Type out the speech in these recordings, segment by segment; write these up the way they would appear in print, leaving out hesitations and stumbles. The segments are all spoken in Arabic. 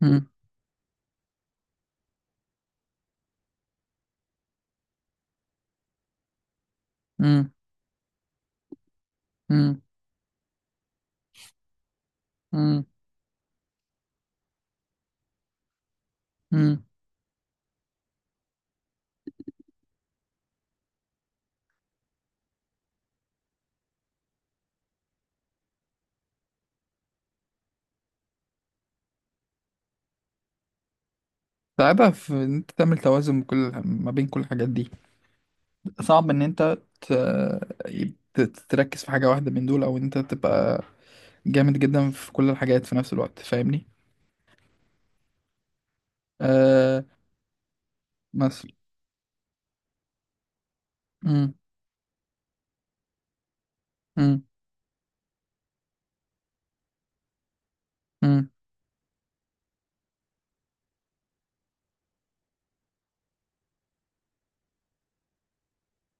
مم. مم. مم. مم. مم. صعبة في إن أنت تعمل توازن كل ما بين كل الحاجات دي. صعب إن أنت ت- تركز في حاجة واحدة من دول أو إن أنت تبقى جامد جدا في كل الحاجات في نفس الوقت، فاهمني؟ آه، مثلا. مم. مم. مم.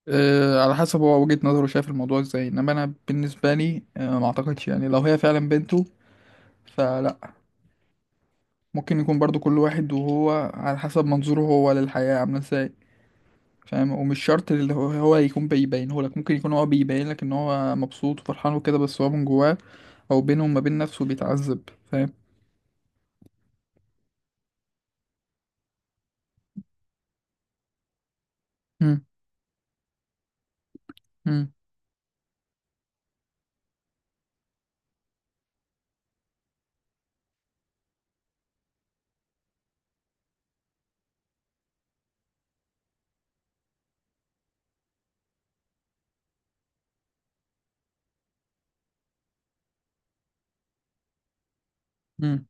آه، على حسب هو وجهة نظره، شايف الموضوع إزاي. إنما أنا بالنسبة لي ما أعتقدش، يعني لو هي فعلا بنته، فلا. ممكن يكون برضو كل واحد وهو على حسب منظوره هو للحياة عاملة إزاي، فاهم؟ ومش شرط اللي هو يكون بيبينه لك. ممكن يكون هو بيبين لك ان هو مبسوط وفرحان وكده، بس هو من جواه او بينه وما بين نفسه بيتعذب، فاهم. مم. مم. مم.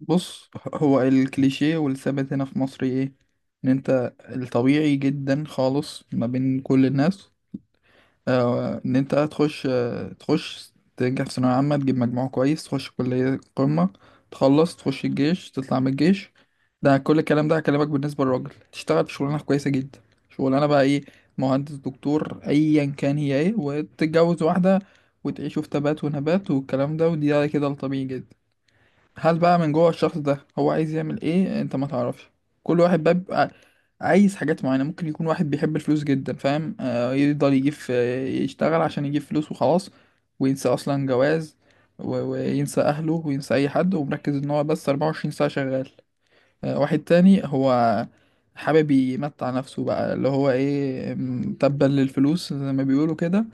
بص، هو الكليشيه والثابت هنا في مصر ايه؟ ان انت الطبيعي جدا خالص ما بين كل الناس، ان انت تخش تنجح في ثانوية عامة، تجيب مجموع كويس، تخش كلية قمة، تخلص، تخش الجيش، تطلع من الجيش. ده كل الكلام ده هكلمك، بالنسبة للراجل تشتغل في شغلانة كويسة جدا. شغلانة بقى ايه؟ مهندس، دكتور، ايا كان. هي ايه؟ وتتجوز واحدة، وتعيشوا في تبات ونبات، والكلام ده، ودي كده الطبيعي جدا. هل بقى من جوه الشخص ده هو عايز يعمل ايه؟ انت ما تعرفش. كل واحد بقى بيبقى عايز حاجات معينة. ممكن يكون واحد بيحب الفلوس جدا، فاهم، يفضل يجيب يشتغل عشان يجيب فلوس وخلاص، وينسى اصلا جواز، وينسى اهله وينسى اي حد، ومركز ان هو بس 24 ساعة شغال. واحد تاني هو حابب يمتع نفسه بقى، اللي هو ايه، تبا للفلوس زي ما بيقولوا كده.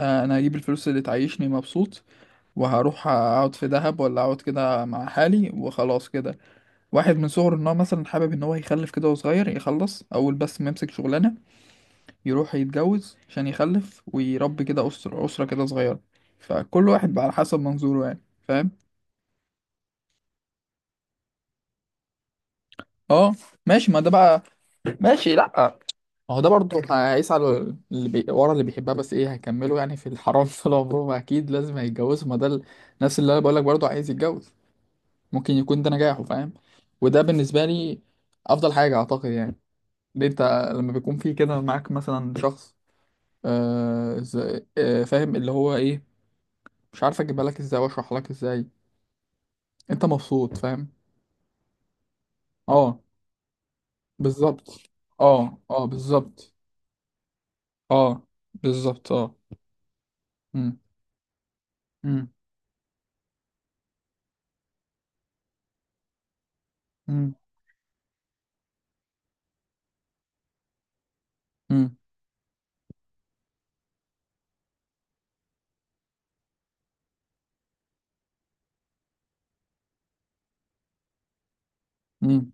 انا هجيب الفلوس اللي تعيشني مبسوط، وهروح اقعد في دهب ولا اقعد كده مع حالي وخلاص كده. واحد من صغره ان هو مثلا حابب ان هو يخلف كده، وهو صغير يخلص اول بس ما يمسك شغلانه، يروح يتجوز عشان يخلف ويربي كده اسره اسره كده صغيره. فكل واحد بقى على حسب منظوره يعني، فاهم. اه، ماشي. ما ده بقى ماشي. لا، ما هو ده برضه هيسعى اللي ورا اللي بيحبها، بس ايه هيكملوا؟ يعني في الحرام طول عمرهم؟ اكيد لازم هيتجوزوا، ما ده نفس اللي انا بقول لك برضه، عايز يتجوز. ممكن يكون ده نجاحه، فاهم. وده بالنسبة لي أفضل حاجة، أعتقد يعني. ليه أنت لما بيكون في كده معاك مثلا شخص، فاهم اللي هو إيه، مش عارف أجيبها لك إزاي وأشرح لك إزاي. أنت مبسوط، فاهم. أه، بالظبط. أه، أه، بالظبط. أه، بالظبط. أه. مم، مم، مم، مم، مم.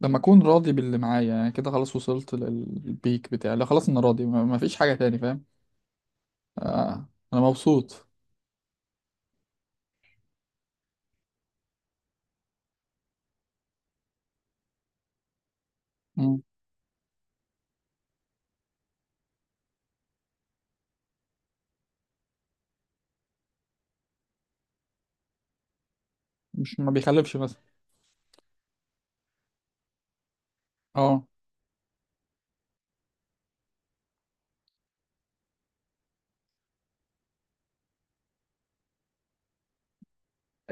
لما أكون راضي باللي معايا، يعني كده خلاص، وصلت للبيك بتاعي. لا خلاص، أنا راضي، مفيش حاجة تاني، فاهم. آه، أنا مبسوط. مم. مش ما بيخلفش مثلا. اه،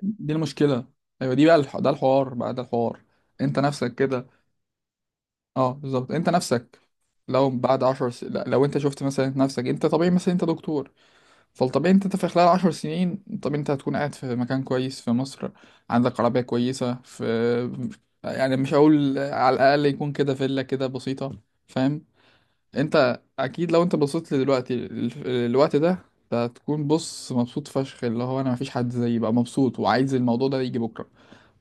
دي المشكله. ايوه، دي بقى ده الحوار بقى، ده الحوار. انت نفسك كده. اه، بالظبط، انت نفسك. لو بعد عشر س... لا، لو انت شفت مثلا نفسك انت طبيعي، مثلا انت دكتور. فالطبيعي انت في خلال عشر سنين، طب انت هتكون قاعد في مكان كويس في مصر، عندك عربية كويسة في، يعني مش هقول على الأقل يكون كده فيلا كده بسيطة، فاهم. انت اكيد لو انت بصيت لدلوقتي الوقت ده، انت هتكون بص مبسوط فشخ، اللي هو انا مفيش حد زيي بقى مبسوط، وعايز الموضوع ده يجي بكره.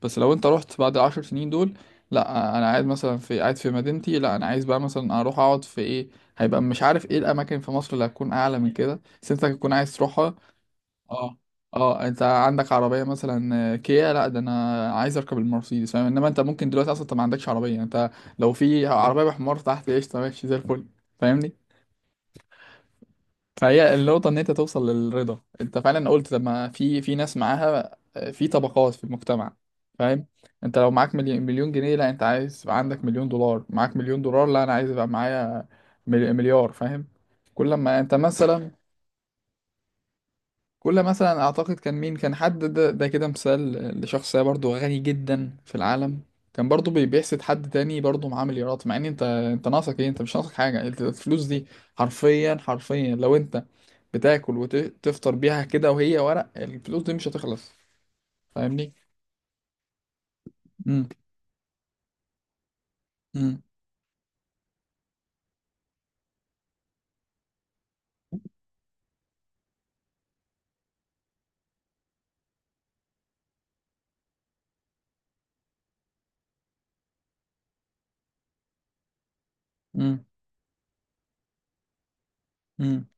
بس لو انت رحت بعد العشر سنين دول، لا انا قاعد مثلا في، قاعد في مدينتي. لا انا عايز بقى مثلا اروح اقعد في ايه، هيبقى مش عارف ايه الاماكن في مصر اللي هتكون اعلى من كده، بس انت هتكون عايز تروحها. اه، اه، انت عندك عربيه مثلا، كيا. لا ده انا عايز اركب المرسيدس، فاهم. انما انت ممكن دلوقتي اصلا انت ما عندكش عربيه، انت لو في عربيه بحمار تحت قشطه، ماشي زي الفل، فاهمني. فهي النقطة إن أنت توصل للرضا. أنت فعلا قلت، لما في ناس معاها في طبقات في المجتمع، فاهم. أنت لو معاك مليون مليون جنيه، لا أنت عايز يبقى عندك مليون دولار، معاك مليون دولار، لا أنا عايز يبقى معايا مليار، فاهم. كل ما أنت مثلا كل مثلا، اعتقد كان مين؟ كان حد ده كده، مثال لشخصية برضو غني جدا في العالم، كان برضو بيحسد حد تاني برضو معاه مليارات. مع ان انت ناقصك ايه؟ انت مش ناقصك حاجة، انت الفلوس دي حرفيا حرفيا، لو انت بتاكل وتفطر بيها كده وهي ورق، الفلوس دي مش هتخلص، فاهمني. امم، امم، امم، امم،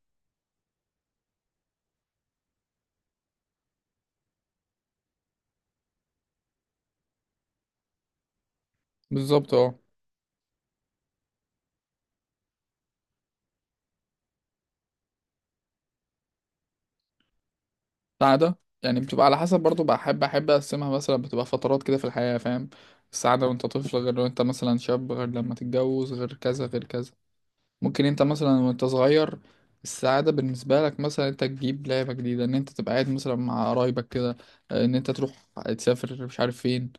بالظبط، اه. السعادة يعني بتبقى على حسب برضو، بحب احب اقسمها مثلا، بتبقى فترات كده في الحياة، فاهم. السعادة وانت طفل غير، وانت مثلا شاب غير، لما تتجوز غير، كذا غير كذا. ممكن انت مثلا وانت صغير السعادة بالنسبة لك مثلا انت تجيب لعبة جديدة، ان انت تبقى قاعد مثلا مع قرايبك كده، اه، ان انت تروح تسافر مش عارف فين،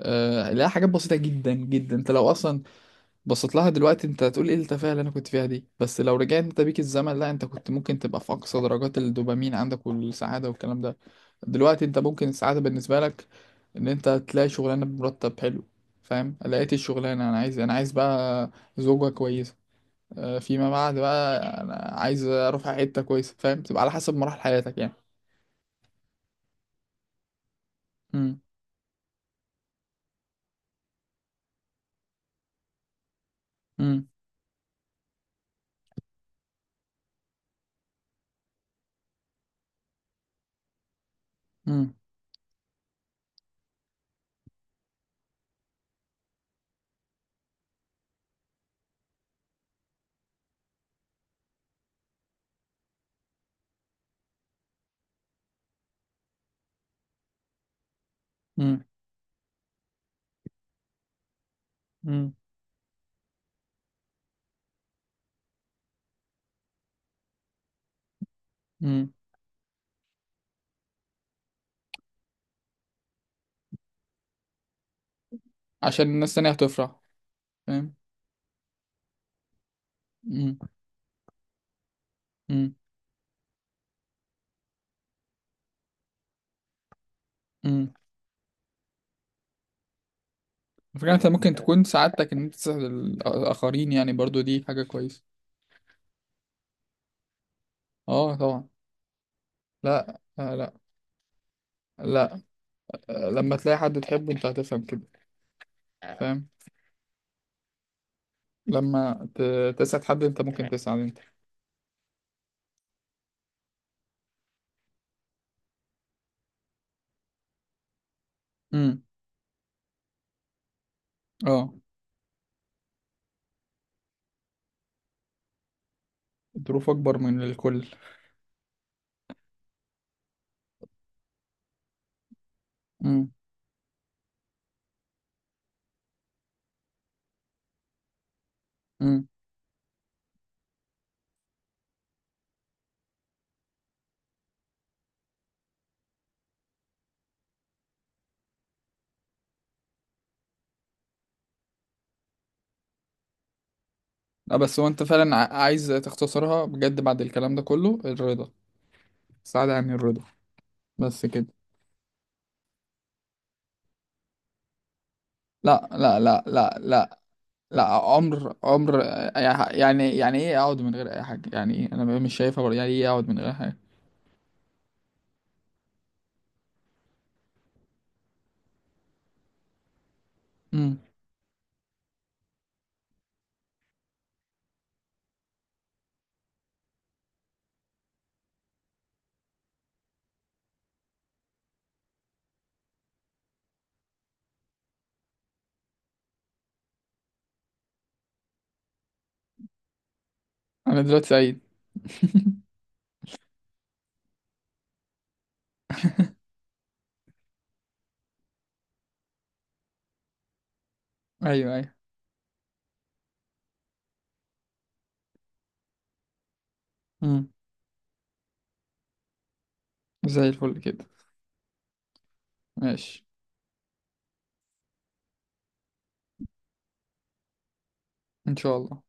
اه، لا، حاجات بسيطة جدا جدا. انت لو اصلا بصيت لها دلوقتي انت هتقول ايه التفاهة اللي انا كنت فيها دي، بس لو رجعت انت بيك الزمن، لا، انت كنت ممكن تبقى في اقصى درجات الدوبامين عندك والسعادة والكلام ده. دلوقتي انت ممكن السعادة بالنسبة لك ان انت تلاقي شغلانة بمرتب حلو، فاهم، لقيت الشغلانة، انا عايز بقى زوجة كويسة. فيما بعد بقى، انا عايز اروح على حته كويسه، فاهم. تبقى على حسب مراحل حياتك يعني. مم. مم. مم. مم. مم. مم. عشان الناس التانية هتفرح، فاهم. مم. مم. مم. الفكرة انت ممكن تكون سعادتك ان انت تساعد الاخرين، يعني برضو دي حاجه كويسه. اه، طبعا. لا، آه، لا، لا، لما تلاقي حد تحبه انت هتفهم كده، فاهم. لما تسعد حد انت ممكن تسعد انت. مم. اه، الظروف اكبر من الكل. امم. لا، بس هو انت فعلا عايز تختصرها بجد بعد الكلام ده كله؟ الرضا. السعادة يعني الرضا، بس كده؟ لا، لا، لا، لا، لا. لا عمر عمر، يعني ايه اقعد من غير اي حاجة؟ يعني ايه انا مش شايفها برضه. يعني ايه اقعد من غير حاجة؟ امم. انا دلوقتي سعيد. ايوه، ايوه. امم. زي الفل كده. ماشي، ان شاء الله.